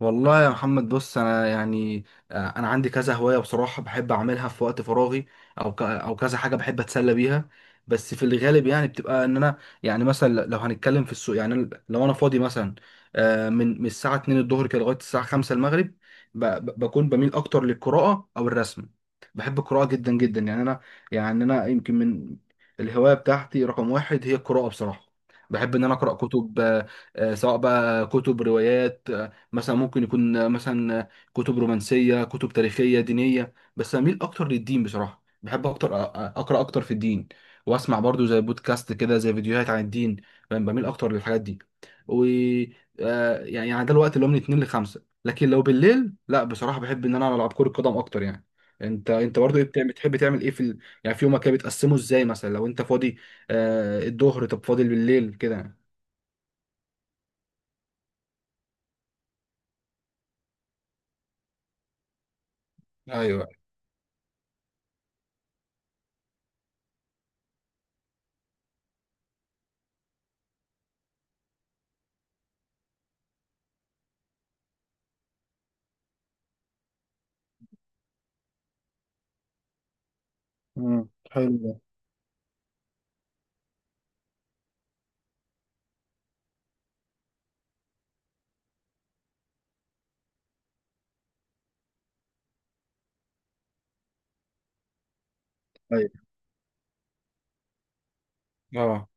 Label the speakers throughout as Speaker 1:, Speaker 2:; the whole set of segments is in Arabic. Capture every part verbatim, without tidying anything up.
Speaker 1: والله يا محمد، بص انا يعني آه، انا عندي كذا هوايه بصراحه، بحب اعملها في وقت فراغي. او ك- او كذا حاجه بحب اتسلى بيها. بس في الغالب يعني بتبقى ان انا، يعني مثلا لو هنتكلم في السوق، يعني لو انا فاضي مثلا آه، من من الساعه اتنين الظهر كده لغايه الساعه خمسة المغرب. ب- ب- بكون بميل اكتر للقراءه او الرسم. بحب القراءه جدا جدا يعني انا، يعني انا يمكن من الهوايه بتاعتي رقم واحد هي القراءه بصراحه. بحب ان انا اقرا كتب آه، آه، سواء بقى كتب روايات. مثلا ممكن يكون مثلا كتب رومانسية، كتب تاريخية دينية، بس أميل أكتر للدين بصراحة. بحب أكتر أقرأ أكتر في الدين، وأسمع برضو زي بودكاست كده، زي فيديوهات عن الدين. فاهم؟ بميل أكتر للحاجات دي. و آه، يعني يعني ده الوقت اللي هو من اتنين لخمسة، لكن لو بالليل لا بصراحة بحب إن أنا ألعب كرة قدم أكتر يعني. انت انت برضو ايه بتعمل، بتحب تعمل ايه في ال... يعني في يومك كده بتقسمه ازاي، مثلا لو انت فاضي آه الظهر؟ طب فاضي بالليل كده يعني؟ ايوه. مم. حلو ده. أيوة. اه.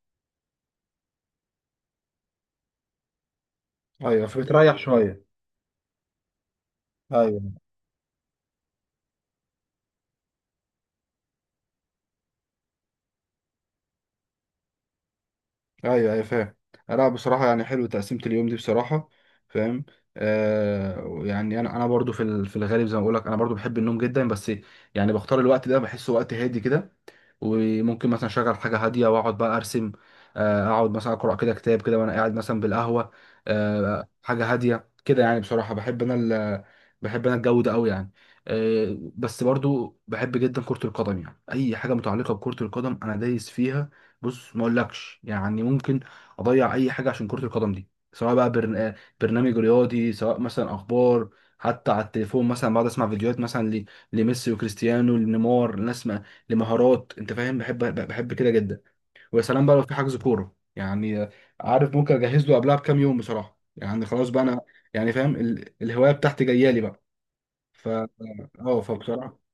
Speaker 1: ايوه، فبتريح شويه. ايوه، ايوه، ايوه، فاهم. لا بصراحه يعني حلو تقسيمه اليوم دي بصراحه. فاهم. آه يعني انا انا برضو في ال- في الغالب زي ما بقول لك، انا برضو بحب النوم جدا، بس يعني بختار الوقت ده، بحسه وقت هادي كده. وممكن مثلا اشغل حاجه هاديه واقعد بقى ارسم، آه اقعد مثلا اقرا كده كتاب كده وانا قاعد مثلا بالقهوه، آه حاجه هاديه كده يعني. بصراحه بحب انا ال- بحب انا الجو ده قوي يعني. آه بس برضو بحب جدا كره القدم يعني، اي حاجه متعلقه بكره القدم انا دايس فيها. بص ما اقولكش يعني، ممكن اضيع اي حاجه عشان كره القدم دي. سواء بقى برن... آه، برنامج رياضي، سواء مثلا اخبار، حتى على التليفون مثلا بقعد اسمع فيديوهات مثلا ل... لميسي وكريستيانو، لنيمار، لناس ما... لمهارات. انت فاهم، بحب بحب كده جدا. ويا سلام بقى لو في حجز كوره يعني، عارف ممكن اجهز له قبلها بكام يوم بصراحه يعني. خلاص بقى انا يعني فاهم ال... الهوايه بتاعتي جايه لي بقى. ف اه، فبصراحه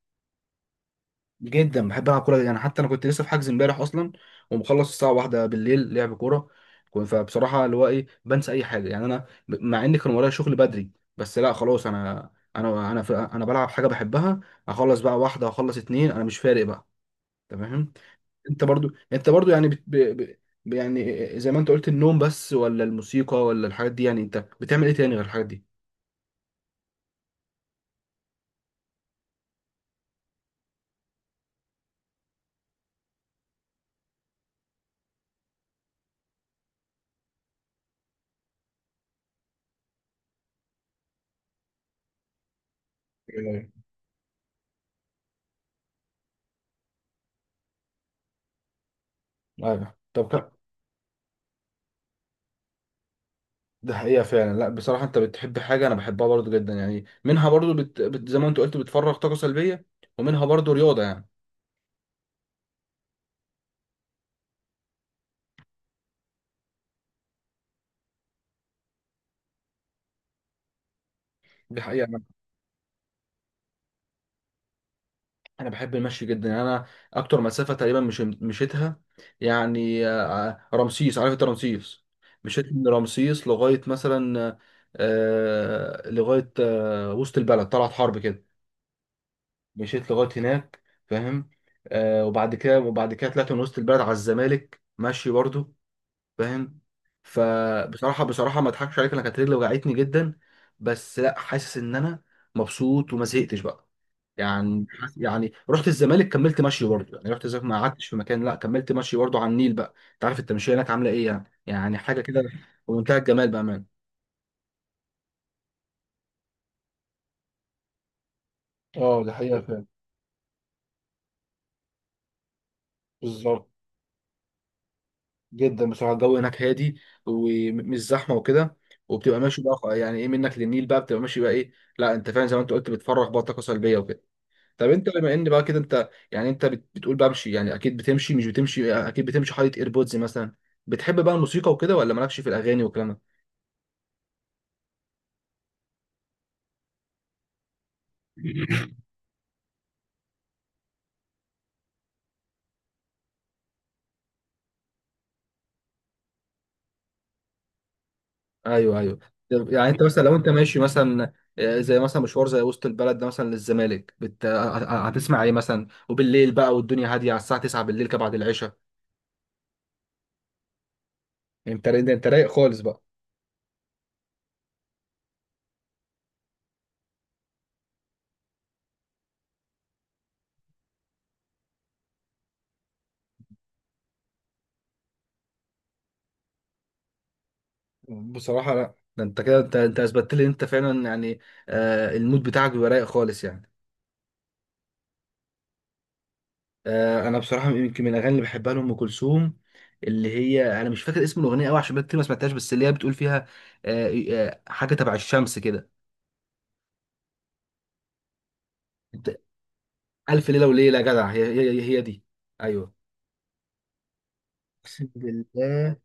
Speaker 1: جدا بحب العب كوره يعني. حتى انا كنت لسه في حجز امبارح اصلا، ومخلص الساعه واحدة بالليل لعب كوره. كو- فبصراحه اللي هو ايه، بنسى اي حاجه يعني. انا ب- مع ان كان ورايا شغل بدري، بس لا خلاص انا، انا انا في انا بلعب حاجه بحبها. اخلص بقى واحده اخلص اتنين، انا مش فارق بقى. انت فاهم؟ انت برضو انت برضو يعني بت... ب... ب... ب- يعني زي ما انت قلت النوم، بس ولا الموسيقى، ولا الحاجات دي؟ يعني انت بتعمل ايه تاني غير الحاجات دي؟ ايوه. أيوة. طب ده حقيقة فعلا. لا بصراحة، انت بتحب حاجة انا بحبها برضو جدا يعني. منها برضو بت... بت... زي ما انت قلت، بتفرغ طاقة سلبية، ومنها برضو رياضة يعني. دي حقيقة انا انا بحب المشي جدا يعني. انا اكتر مسافة تقريبا مش مشيتها، يعني آه، رمسيس، عارف انت رمسيس؟ مشيت من رمسيس لغاية مثلا آه... لغاية آه... وسط البلد، طلعت حرب كده، مشيت لغاية هناك. فاهم؟ آه... وبعد كده وبعد كده طلعت من وسط البلد على الزمالك ماشي برضو. فاهم؟ فبصراحه بصراحه ما اضحكش عليك، انا كانت رجلي وجعتني جدا، بس لا حاسس ان انا مبسوط، وما زهقتش بقى يعني. يعني رحت الزمالك كملت مشي برضه. يعني رحت الزمالك ما قعدتش في مكان، لا كملت مشي برضه على النيل بقى. انت عارف التمشيه هناك عامله ايه يعني، يعني حاجه كده بمنتهى الجمال، بامان. اه، دي حقيقة فعلا. بالظبط، جدا بصراحه الجو هناك هادي، ومش زحمه وكده. وبتبقى ماشي بقى يعني ايه، منك للنيل بقى بتبقى ماشي بقى ايه. لا انت فاهم، زي ما انت قلت بتفرغ بقى طاقه سلبيه وكده. طب انت بما ان بقى كده، انت يعني انت بت- بتقول بمشي يعني. اكيد بتمشي، مش بتمشي اكيد بتمشي حاطط ايربودز مثلا؟ بتحب بقى الموسيقى وكده، ولا مالكش في الاغاني والكلام ده؟ ايوه، ايوه. طب يعني انت مثلا لو انت ماشي مثلا آه، زي مثلا مشوار زي وسط البلد ده مثلا للزمالك بت... آه، آه، آه، هتسمع ايه مثلا، وبالليل بقى والدنيا هاديه على الساعه تسعة بالليل كده بعد العشاء؟ انت ده انت رايق خالص بقى. بصراحه لا، ده انت كده انت انت اثبتت لي ان انت فعلا يعني آه، المود بتاعك بيبقى رايق خالص يعني. آه، انا بصراحه يمكن من الاغاني اللي بحبها لام كلثوم، اللي هي انا مش فاكر اسم الاغنيه قوي، عشان بقى كتير ما سمعتهاش، بس اللي هي بتقول فيها آه، آه، حاجه تبع الشمس كده. أنت- الف ليله وليله، يا جدع، هي هي هي دي. ايوه، اقسم بالله،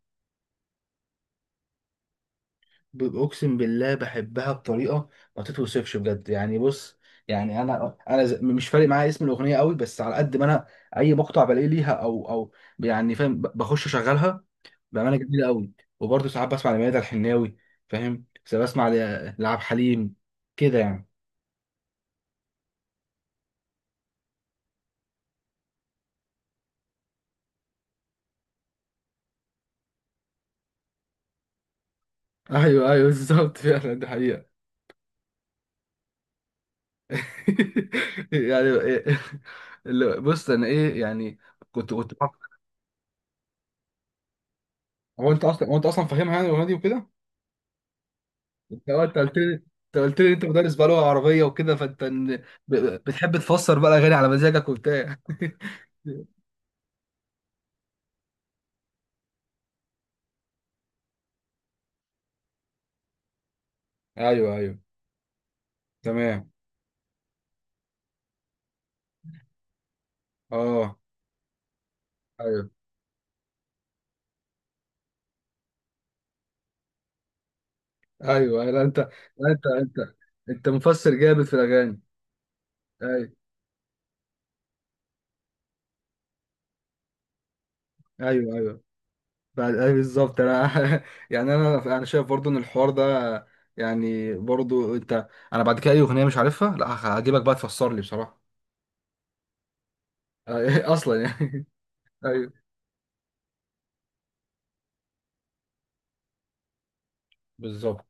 Speaker 1: ب- اقسم بالله بحبها بطريقه ما تتوصفش بجد يعني. بص، يعني انا انا ز- مش فارق معايا اسم الاغنيه قوي، بس على قد ما انا اي مقطع بلاقيه ليها او او يعني فاهم، ب- بخش اشغلها. بأمانة جميلة قوي. وبرضه ساعات بسمع لميادة الحناوي، فاهم، ساعات بسمع ل- لعبد الحليم كده يعني. ايوه، ايوه، بالظبط. فعلا دي حقيقة. يعني إيه- اللي- بص انا ايه يعني. كنت كنت بفكر- هو انت اصلا هو انت اصلا فاهمها يعني الاغنيه دي وكده؟ انت انت قلت لي انت قلت لي انت مدرس بقى لغه عربيه وكده، فانت إن- ب- ب- بتحب تفسر بقى الاغاني على مزاجك وبتاع. ايوه، ايوه. تمام. اه. ايوه، ايوه. لا انت لا انت انت انت مفسر جامد في الاغاني. ايوه، ايوه، ايوه، بعد ايوه بالظبط انا. يعني انا انا شايف برضو ان الحوار ده، يعني برضو انت. انا بعد كده اي اغنيه مش عارفها، لا هجيبك بقى تفسر لي بصراحه. اصلا يعني. ايوه بالظبط.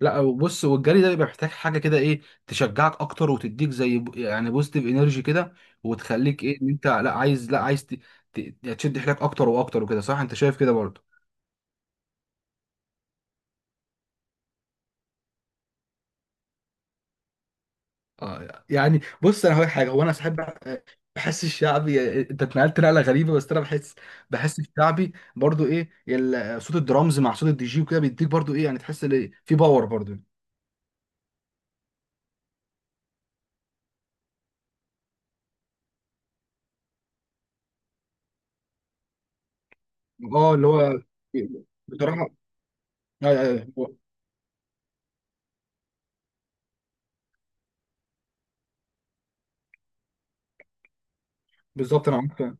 Speaker 1: لا وبص، والجري ده بيبقى محتاج حاجه كده ايه، تشجعك اكتر وتديك زي ب- يعني بوزيتيف انرجي كده، وتخليك ايه، ان انت لا عايز، لا عايز ت- ت- تشد حيلك اكتر واكتر وكده، صح؟ انت شايف كده برضو؟ اه. يعني بص انا هقول لك حاجه، هو انا صاحب بحس الشعبي، انت اتنقلت نقله غريبه بس انا بحس، بحس الشعبي برضو ايه ال- صوت الدرامز مع صوت الدي جي وكده بيديك برضو ايه يعني، تحس إن في باور برضو. اه اللي هو بصراحه آه، آه، آه، بالظبط انا معاك.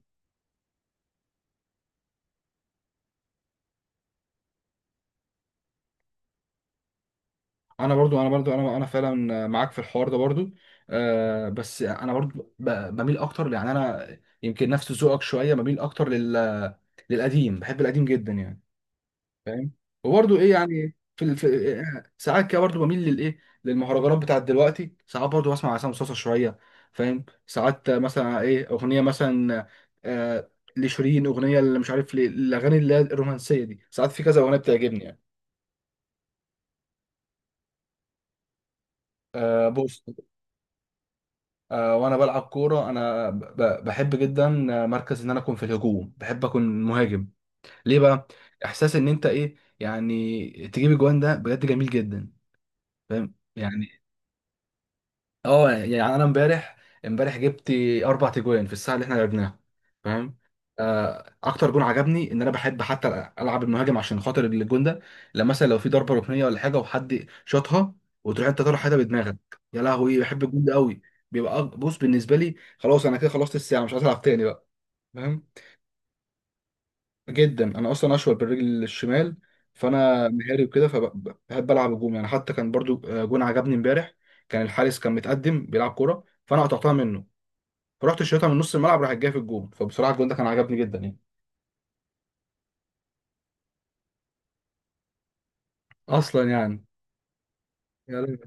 Speaker 1: انا برضو انا برضو انا انا فعلا معاك في الحوار ده برضو. آه بس انا برضو ب- بميل اكتر يعني انا، يمكن نفس ذوقك شويه، بميل اكتر لل للقديم، بحب القديم جدا يعني. فاهم. وبرضه ايه يعني في, ال... في آه، ساعات كده برضه بميل للايه للمهرجانات بتاعت دلوقتي. ساعات برضه بسمع عصام صاصا شويه. فاهم؟ ساعات مثلا ايه اغنيه مثلا آه لشيرين، اغنيه اللي مش عارف ليه، الاغاني اللي هي الرومانسيه دي ساعات في كذا اغنيه بتعجبني يعني. آه بص، آه وانا بلعب كوره انا ب... بحب جدا مركز ان انا اكون في الهجوم، بحب اكون مهاجم. ليه بقى؟ احساس ان انت ايه يعني، تجيب اجوان، ده بجد جميل جدا. فاهم يعني؟ اه يعني انا امبارح، امبارح جبت اربع تجوان في الساعه اللي احنا لعبناها. فاهم؟ آه، اكتر جون عجبني، ان انا بحب حتى العب المهاجم عشان خاطر الجون ده. لما مثلا لو في ضربه ركنيه ولا حاجه وحد شاطها، وتروح انت طالع حاجه بدماغك. يا لهوي، بحب الجون ده قوي. بيبقى أك- بص بالنسبه لي خلاص، انا كده خلصت الساعه، مش عايز العب تاني بقى. فاهم؟ جدا انا اصلا اشول بالرجل الشمال، فانا مهاري وكده، فبحب العب الجون يعني. حتى كان برضو آه، جون عجبني امبارح، كان الحارس كان متقدم بيلعب كوره فانا قطعتها منه، فرحت شايطها من نص الملعب، راح جايه في الجون. فبصراحه الجون ده كان عجبني جدا يعني. اصلا يعني. يا ريت.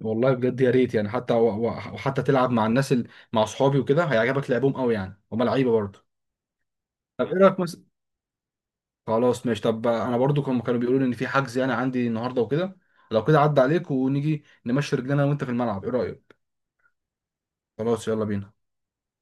Speaker 1: والله بجد يا ريت يعني، حتى و- و- وحتى تلعب مع الناس ال... مع اصحابي وكده هيعجبك لعبهم قوي يعني. هما لعيبه برضه. طب ايه رايك مثلا؟ خلاص ماشي، طب انا برضو كانوا كانوا بيقولوا لي ان في حجز يعني عندي النهارده وكده. لو كده عدى عليك ونيجي نمشي رجلنا أنا وانت في الملعب، ايه رايك؟ خلاص يلا بينا.